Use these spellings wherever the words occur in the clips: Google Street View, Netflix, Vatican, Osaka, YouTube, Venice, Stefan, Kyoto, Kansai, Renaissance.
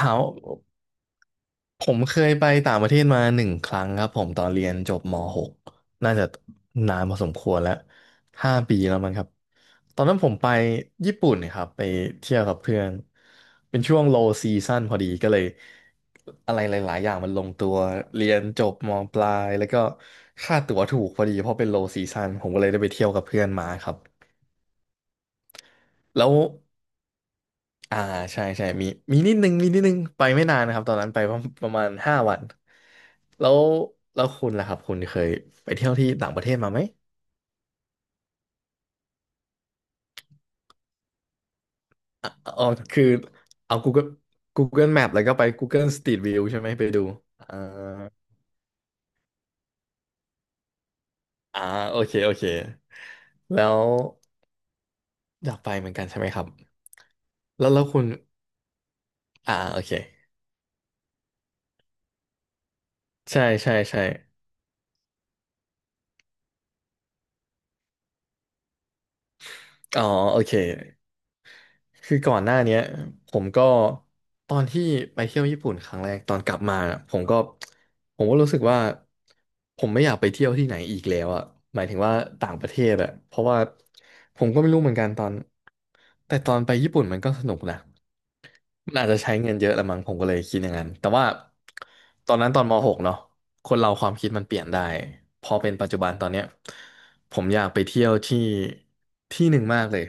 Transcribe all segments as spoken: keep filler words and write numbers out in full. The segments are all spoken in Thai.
ถามว่าผมเคยไปต่างประเทศมาหนึ่งครั้งครับผมตอนเรียนจบม .หก น่าจะนานพอสมควรแล้วห้าปีแล้วมั้งครับตอนนั้นผมไปญี่ปุ่นครับไปเที่ยวกับเพื่อนเป็นช่วง low season พอดีก็เลยอะไรหลายๆอย่างมันลงตัวเรียนจบมปลายแล้วก็ค่าตั๋วถูกพอดีเพราะเป็น low season ผมก็เลยได้ไปเที่ยวกับเพื่อนมาครับแล้ว อ่าใช่ใช่มีมีนิดนึงมีนิดนึงไปไม่นานนะครับตอนนั้นไปประประมาณห้าวันแล้วแล้วคุณล่ะครับคุณเคยไปเที่ยวที่ต่างประเทศมาไหมอ่ะอ๋อคือเอา Google Google Map แล้วก็ไป Google Street View ใช่ไหมไปดูอ่าอ่าโอเคโอเคแล้วอยากไปเหมือนกันใช่ไหมครับแล้วแล้วคุณอ่าโอเคใช่ใช่ใช่อ๋อโอเค คือก่อนหน้าเนี้ยผมก็ตอนที่ไปเที่ยวญี่ปุ่นครั้งแรกตอนกลับมาน่ะผมก็ผมก็รู้สึกว่าผมไม่อยากไปเที่ยวที่ไหนอีกแล้วอ่ะหมายถึงว่าต่างประเทศอ่ะเพราะว่าผมก็ไม่รู้เหมือนกันตอนแต่ตอนไปญี่ปุ่นมันก็สนุกนะมันอาจจะใช้เงินเยอะละมั้งผมก็เลยคิดอย่างนั้นแต่ว่าตอนนั้นตอนม .หก เนาะคนเราความคิดมันเปลี่ยนได้พอเป็นปัจจุบันตอนเนี้ยผมอยากไปเที่ยวที่ที่หนึ่งมากเลย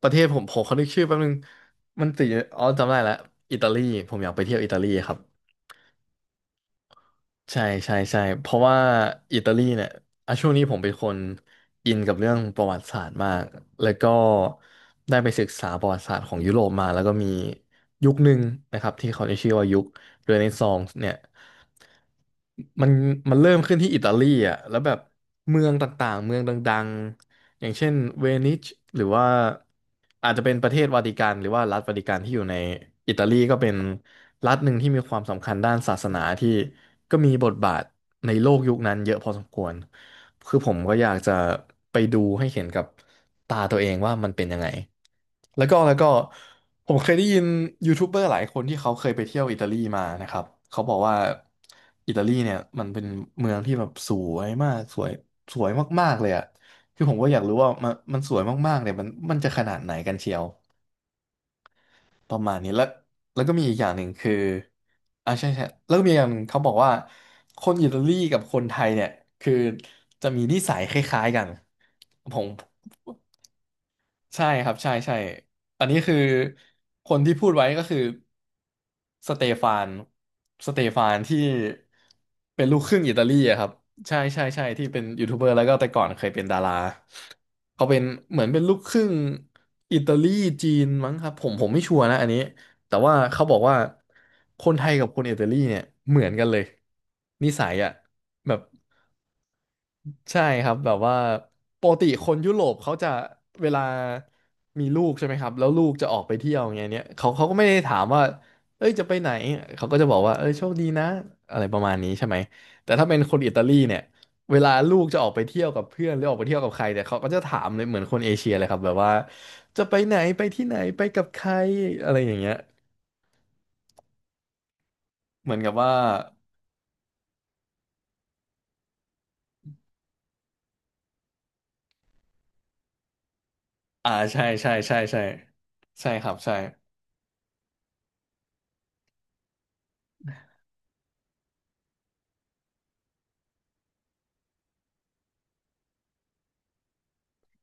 ประเทศผมผมขอนึกชื่อแป๊บนึงมันติดอยู่อ๋อจำได้แล้วอิตาลีผมอยากไปเที่ยวอิตาลีครับใช่ใช่ใช่เพราะว่าอิตาลีเนี่ยอ่ะช่วงนี้ผมเป็นคนอินกับเรื่องประวัติศาสตร์มากแล้วก็ได้ไปศึกษาประวัติศาสตร์ของยุโรปมาแล้วก็มียุคหนึ่งนะครับที่เขาได้ชื่อว่ายุคเรเนซองส์เนี่ยมันมันเริ่มขึ้นที่อิตาลีอ่ะแล้วแบบเมืองต่างๆเมืองดัง อย่างเช่นเวนิชหรือว่าอาจจะเป็นประเทศวาติกันหรือว่ารัฐวาติกันที่อยู่ในอิตาลีก็เป็นรัฐหนึ่งที่มีความสำคัญด้านศาสนาที่ก็มีบทบาทในโลกยุคนั้นเยอะพอสมควรคือผมก็อยากจะไปดูให้เห็นกับตาตัวเองว่ามันเป็นยังไงแล้วก็แล้วก็ผมเคยได้ยินยูทูบเบอร์หลายคนที่เขาเคยไปเที่ยวอิตาลีมานะครับเขาบอกว่าอิตาลีเนี่ยมันเป็นเมืองที่แบบสวยมากสวยสวยมากๆเลยอะ คือผมก็อยากรู้ว่ามันมันสวยมากๆเนี่ยมันมันจะขนาดไหนกันเชียวประมาณนี้แล้วแล้วก็มีอีกอย่างหนึ่งคืออ่าใช่ใช่แล้วก็มีอย่างหนึ่งเขาบอกว่าคนอิตาลีกับคนไทยเนี่ยคือจะมีนิสัยคล้ายๆกันผม ใช่ครับใช่ใช่อันนี้คือคนที่พูดไว้ก็คือสเตฟานสเตฟานที่เป็นลูกครึ่งอิตาลีอะครับใช่ใช่ใช่ที่เป็นยูทูบเบอร์แล้วก็แต่ก่อนเคยเป็นดาราเขาเป็นเหมือนเป็นลูกครึ่งอิตาลีจีนมั้งครับผมผมไม่ชัวร์นะอันนี้ แต่ว่าเขาบอกว่าคนไทยกับคนอิตาลีเนี่ยเหมือนกันเลยนิสัยอ่ะแบบใช่ครับแบบว่าปกติคนยุโรปเขาจะเวลามีลูกใช่ไหมครับแล้วลูกจะออกไปเที่ยวอย่างเงี้ยเนี่ยเขาเขาก็ไม่ได้ถามว่าเอ้ยจะไปไหนเขาก็จะบอกว่าเอ้ยโชคดีนะอะไรประมาณนี้ใช่ไหมแต่ถ้าเป็นคนอิตาลีเนี่ยเวลาลูกจะออกไปเที่ยวกับเพื่อนหรือออกไปเที่ยวกับใครเนี่ยเขาก็จะถามเลยเหมือนคนเอเชียเลยครับแบบว่าจะไปไหนไปที่ไหนไปกับใครอะไรอย่างเงี้ย เหมือนกับว่าอ่าใช่ใช่ใช่ใช่ใช่ครับ ใช่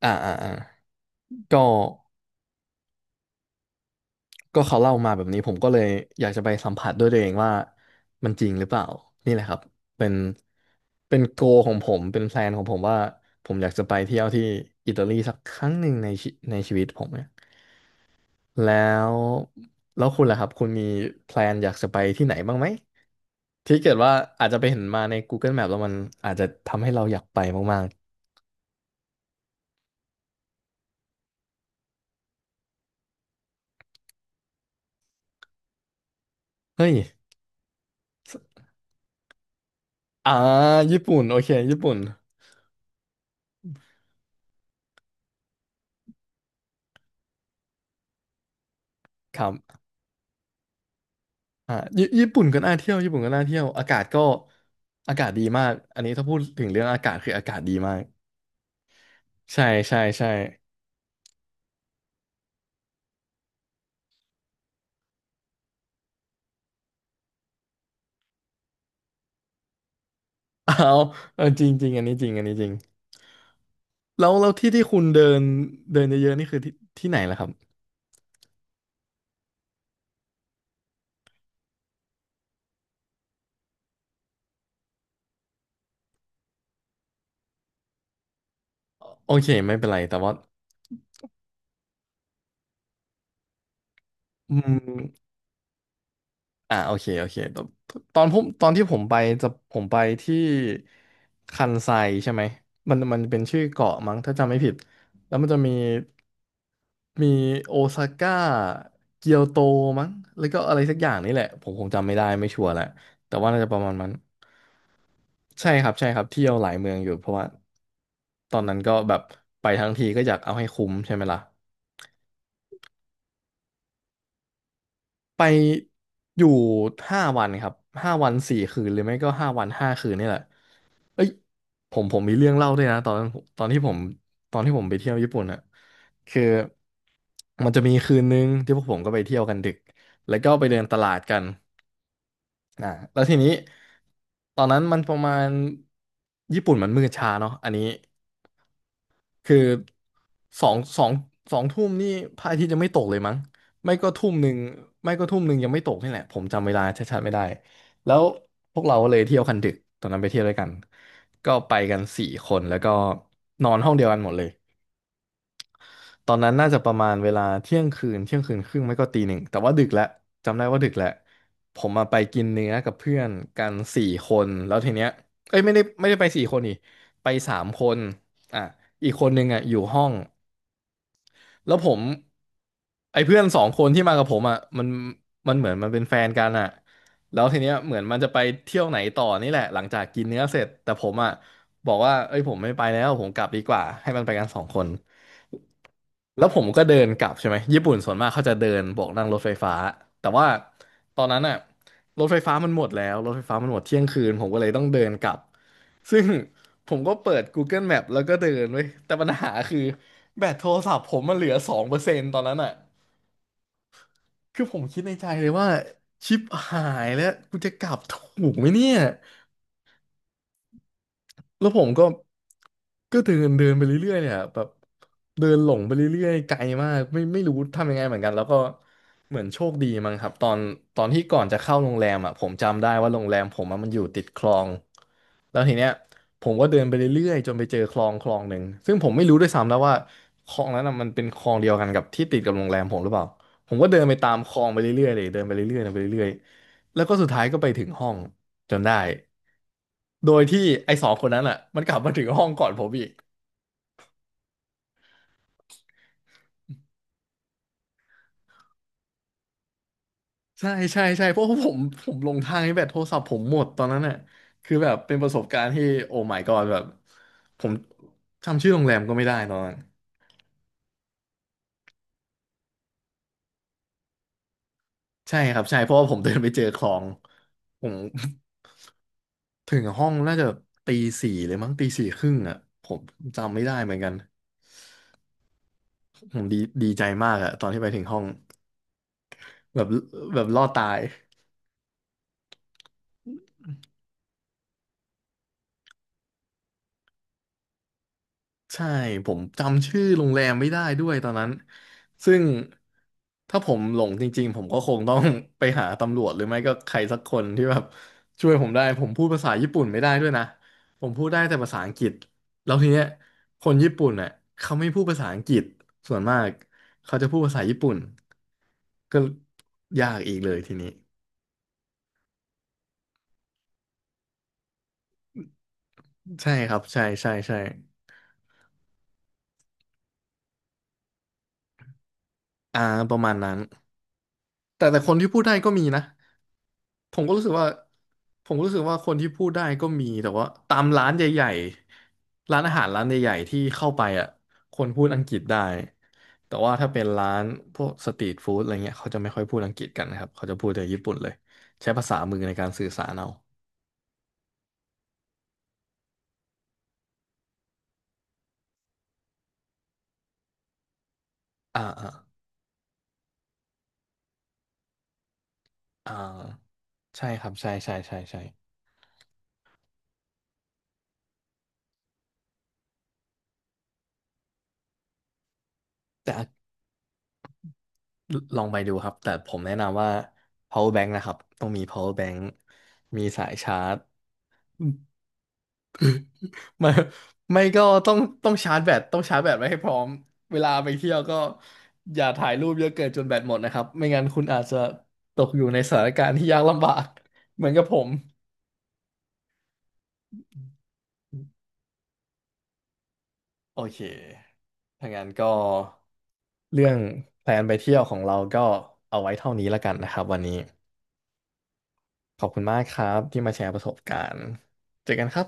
อ่าอ่าอ่าก็ก็เขาเล่ามาแบบนี้ ผมก็เลยอยากจะไปสัมผัสด้วยตัวเองว่า มันจริงหรือเปล่า นี่แหละครับ เป็น เป็นโกของผม เป็นแพลนของผมว่า ผมอยากจะไปเที่ยวที่ อิตาลีสักครั้งหนึ่งในชีในชีวิตผมเนี่ยแล้ว แล้วคุณล่ะครับ คุณมีแพลนอยากจะไปที่ไหนบ้างไหมที่เกิดว่าอาจจะไปเห็นมาใน Google Map แล้วมันอาจจะทำให้เราอยากไปมากๆเฮ้ย อ่าญี่ปุ่นโอเคญี่ปุ่นครับอ่าญญี่ปุ่นก็น่าเที่ยวญี่ปุ่นก็น่าเที่ยวอากาศก็อากาศดีมากอันนี้ถ้าพูดถึงเรื่องอากาศคืออากาศดีมากใช่ใช่ใช่ เอาเอาจริงจริงอันนี้จริงอันนี้จริงแล้วแล้วที่ที่คุณเดินเดินเยอะๆนี่คือที่ที่ไหนล่ะครับโอเคไม่เป็นไรแต่ว่าอืม อ่าโอเคโอเคตอนตอนผมตอนที่ผมไปจะผมไปที่คันไซใช่ไหมมันมันเป็นชื่อเกาะมั้งถ้าจำไม่ผิดแล้วมันจะมีมีโอซาก้าเกียวโตมั้งแล้วก็อะไรสักอย่างนี่แหละผมคงจำไม่ได้ไม่ชัวร์แหละแต่ว่าน่าจะประมาณนั้นใช่ครับใช่ครับเที่ยวหลายเมืองอยู่เพราะว่าตอนนั้นก็แบบไปทั้งทีก็อยากเอาให้คุ้มใช่ไหมล่ะ ไปอยู่ห้าวันครับห้าวันสี่คืนหรือไม่ก็ห้าวันห้าคืนนี่แหละเอ้ยผมผมมีเรื่องเล่าด้วยนะตอนนั้นตอนที่ผมตอนที่ผมไปเที่ยวญี่ปุ่นอะคือมันจะมีคืนนึงที่พวกผมก็ไปเที่ยวกันดึกแล้วก็ไปเดินตลาดกันอ่าแล้วทีนี้ตอนนั้นมันประมาณญี่ปุ่นมันมืดช้าเนาะอันนี้ คือสองสองสองทุ่มนี่พระอาทิตย์ยังไม่ตกเลยมั้งไม่ก็ทุ่มหนึ่งไม่ก็ทุ่มหนึ่งยังไม่ตกนี่แหละผมจำเวลาชัดๆไม่ได้แล้วพวกเราก็เลยเที่ยวคันดึกตอนนั้นไปเที่ยวด้วยกันก็ไปกันสี่คนแล้วก็นอนห้องเดียวกันหมดเลยตอนนั้นน่าจะประมาณเวลาเที่ยงคืนเที่ยงคืนครึ่งไม่ก็ตีหนึ่งแต่ว่าดึกแล้วจำได้ว่าดึกแล้วผมมาไปกินเนื้อกับเพื่อนกันสี่คนแล้วทีเนี้ยเอ้ยไม่ได้ไม่ได้ไปสี่คนนี่ไปสามคนอ่ะอีกคนนึงอ่ะอยู่ห้อง แล้วผมไอ้เพื่อนสองคนที่มากับผมอ่ะมันมันเหมือนมันเป็นแฟนกันอ่ะแล้วทีเนี้ยเหมือนมันจะไปเที่ยวไหนต่อนี่แหละหลังจากกินเนื้อเสร็จแต่ผมอ่ะบอกว่าเอ้ยผมไม่ไปแล้วผมกลับดีกว่าให้มันไปกันสองคนแล้วผมก็เดินกลับใช่ไหมญี่ปุ่นส่วนมากเขาจะเดินโบกนั่งรถไฟฟ้าแต่ว่าตอนนั้นอ่ะรถไฟฟ้ามันหมดแล้วรถไฟฟ้ามันหมดเที่ยงคืนผมก็เลยต้องเดินกลับ ซึ่ง ผมก็เปิด Google Map แล้วก็เดินเว้ยแต่ปัญหาคือแบตโทรศัพท์ผมมันเหลือสองเปอร์เซ็นต์ตอนนั้นอ่ะ คือผมคิดในใจเลยว่าชิปหายแล้วกูจะกลับถูกไหมเนี่ย แล้วผมก็ก็เดินเดินไปเรื่อยๆเนี่ยแบบเดินหลงไปเรื่อยๆไกลมากไม่ไม่รู้ทำยังไงเหมือนกันแล้วก็เหมือนโชคดีมั้งครับตอนตอนที่ก่อนจะเข้าโรงแรมอ่ะผมจำได้ว่าโรงแรมผมอะมันอยู่ติดคลองแล้วทีเนี้ยผมก็เดินไปเรื่อยๆจนไปเจอคลองคลองหนึ่งซึ่งผมไม่รู้ด้วยซ้ำแล้วว่าคลองนั้นอ่ะมันเป็นคลองเดียวกันกับที่ติดกับโรงแรมผมหรือเปล่าผมก็เดินไปตามคลองไปเรื่อยๆเลยเดินไปเรื่อยๆเดินไปเรื่อยๆแล้วก็สุดท้ายก็ไปถึงห้องจนได้ โดยที่ไอ้สองคนนั้นอ่ะมันกลับมาถึงห้องก่อนผมอีกใช่ใช่ใช่เพราะว่าผมผมลงทางให้แบตโทรศัพท์ผมหมดตอนนั้นน่ะคือแบบเป็นประสบการณ์ที่โอ้ my god แบบผมจำชื่อโรงแรมก็ไม่ได้ตอนนั้นใช่ครับใช่เพราะว่าผมเดินไปเจอคลองผม ถึงห้องน่าจะตีสี่เลยมั้งตีสี่ครึ่งอ่ะผมจำไม่ได้เหมือนกันผมดีดีใจมากอะตอนที่ไปถึงห้องแบบแบบรอดตาย ใช่ผมจำชื่อโรงแรมไม่ได้ด้วยตอนนั้นซึ่งถ้าผมหลงจริงๆผมก็คงต้อง ไปหาตำรวจหรือไม่ก็ใครสักคนที่แบบช่วยผมได้ผมพูดภาษาญี่ปุ่นไม่ได้ด้วยนะผมพูดได้แต่ภาษาอังกฤษแล้วทีเนี้ยคนญี่ปุ่นเน่ะเขาไม่พูดภาษาอังกฤษส่วนมากเขาจะพูดภาษาญี่ปุ่นก็ยากอีกเลยทีนี้ใช่ครับใช่ใช่ใช่อ่าประมาณนั้นแต่แต่คนที่พูดได้ก็มีนะ ผมก็รู้สึกว่าผมก็รู้สึกว่าคนที่พูดได้ก็มีแต่ว่าตามร้านใหญ่ๆร้านอาหารร้านใหญ่ๆที่เข้าไปอ่ะคนพูดอังกฤษได้แต่ว่าถ้าเป็นร้านพวกสตรีทฟู้ดอะไรเงี้ยเขาจะไม่ค่อยพูดอังกฤษกันนะครับเขาจะพูดแต่ญี่ปุ่นเลยใช้ภาษามือในการสื่อสารเอาอ่าอ่าอ่าใช่ครับใช่ใช่ใช่ใช่แต่อ่ะลองไปดูครับแต่ผมแนะนำว่า power bank นะครับต้องมี power bank มีสายชาร์จ ไม่ไม่ก็ต้องต้องชาร์จแบตต้องชาร์จแบตไว้ให้พร้อมเวลาไปเที่ยวก็อย่าถ่ายรูปเยอะเกินจนแบตหมดนะครับไม่งั้นคุณอาจจะตกอยู่ในสถานการณ์ที่ยากลำบาก เหมือนกับผมโอเคถ้างั้นก็เรื่องแพลนไปเที่ยวของเราก็เอาไว้เท่านี้ละกันนะครับวันนี้ขอบคุณมากครับที่มาแชร์ประสบการณ์เจอกันครับ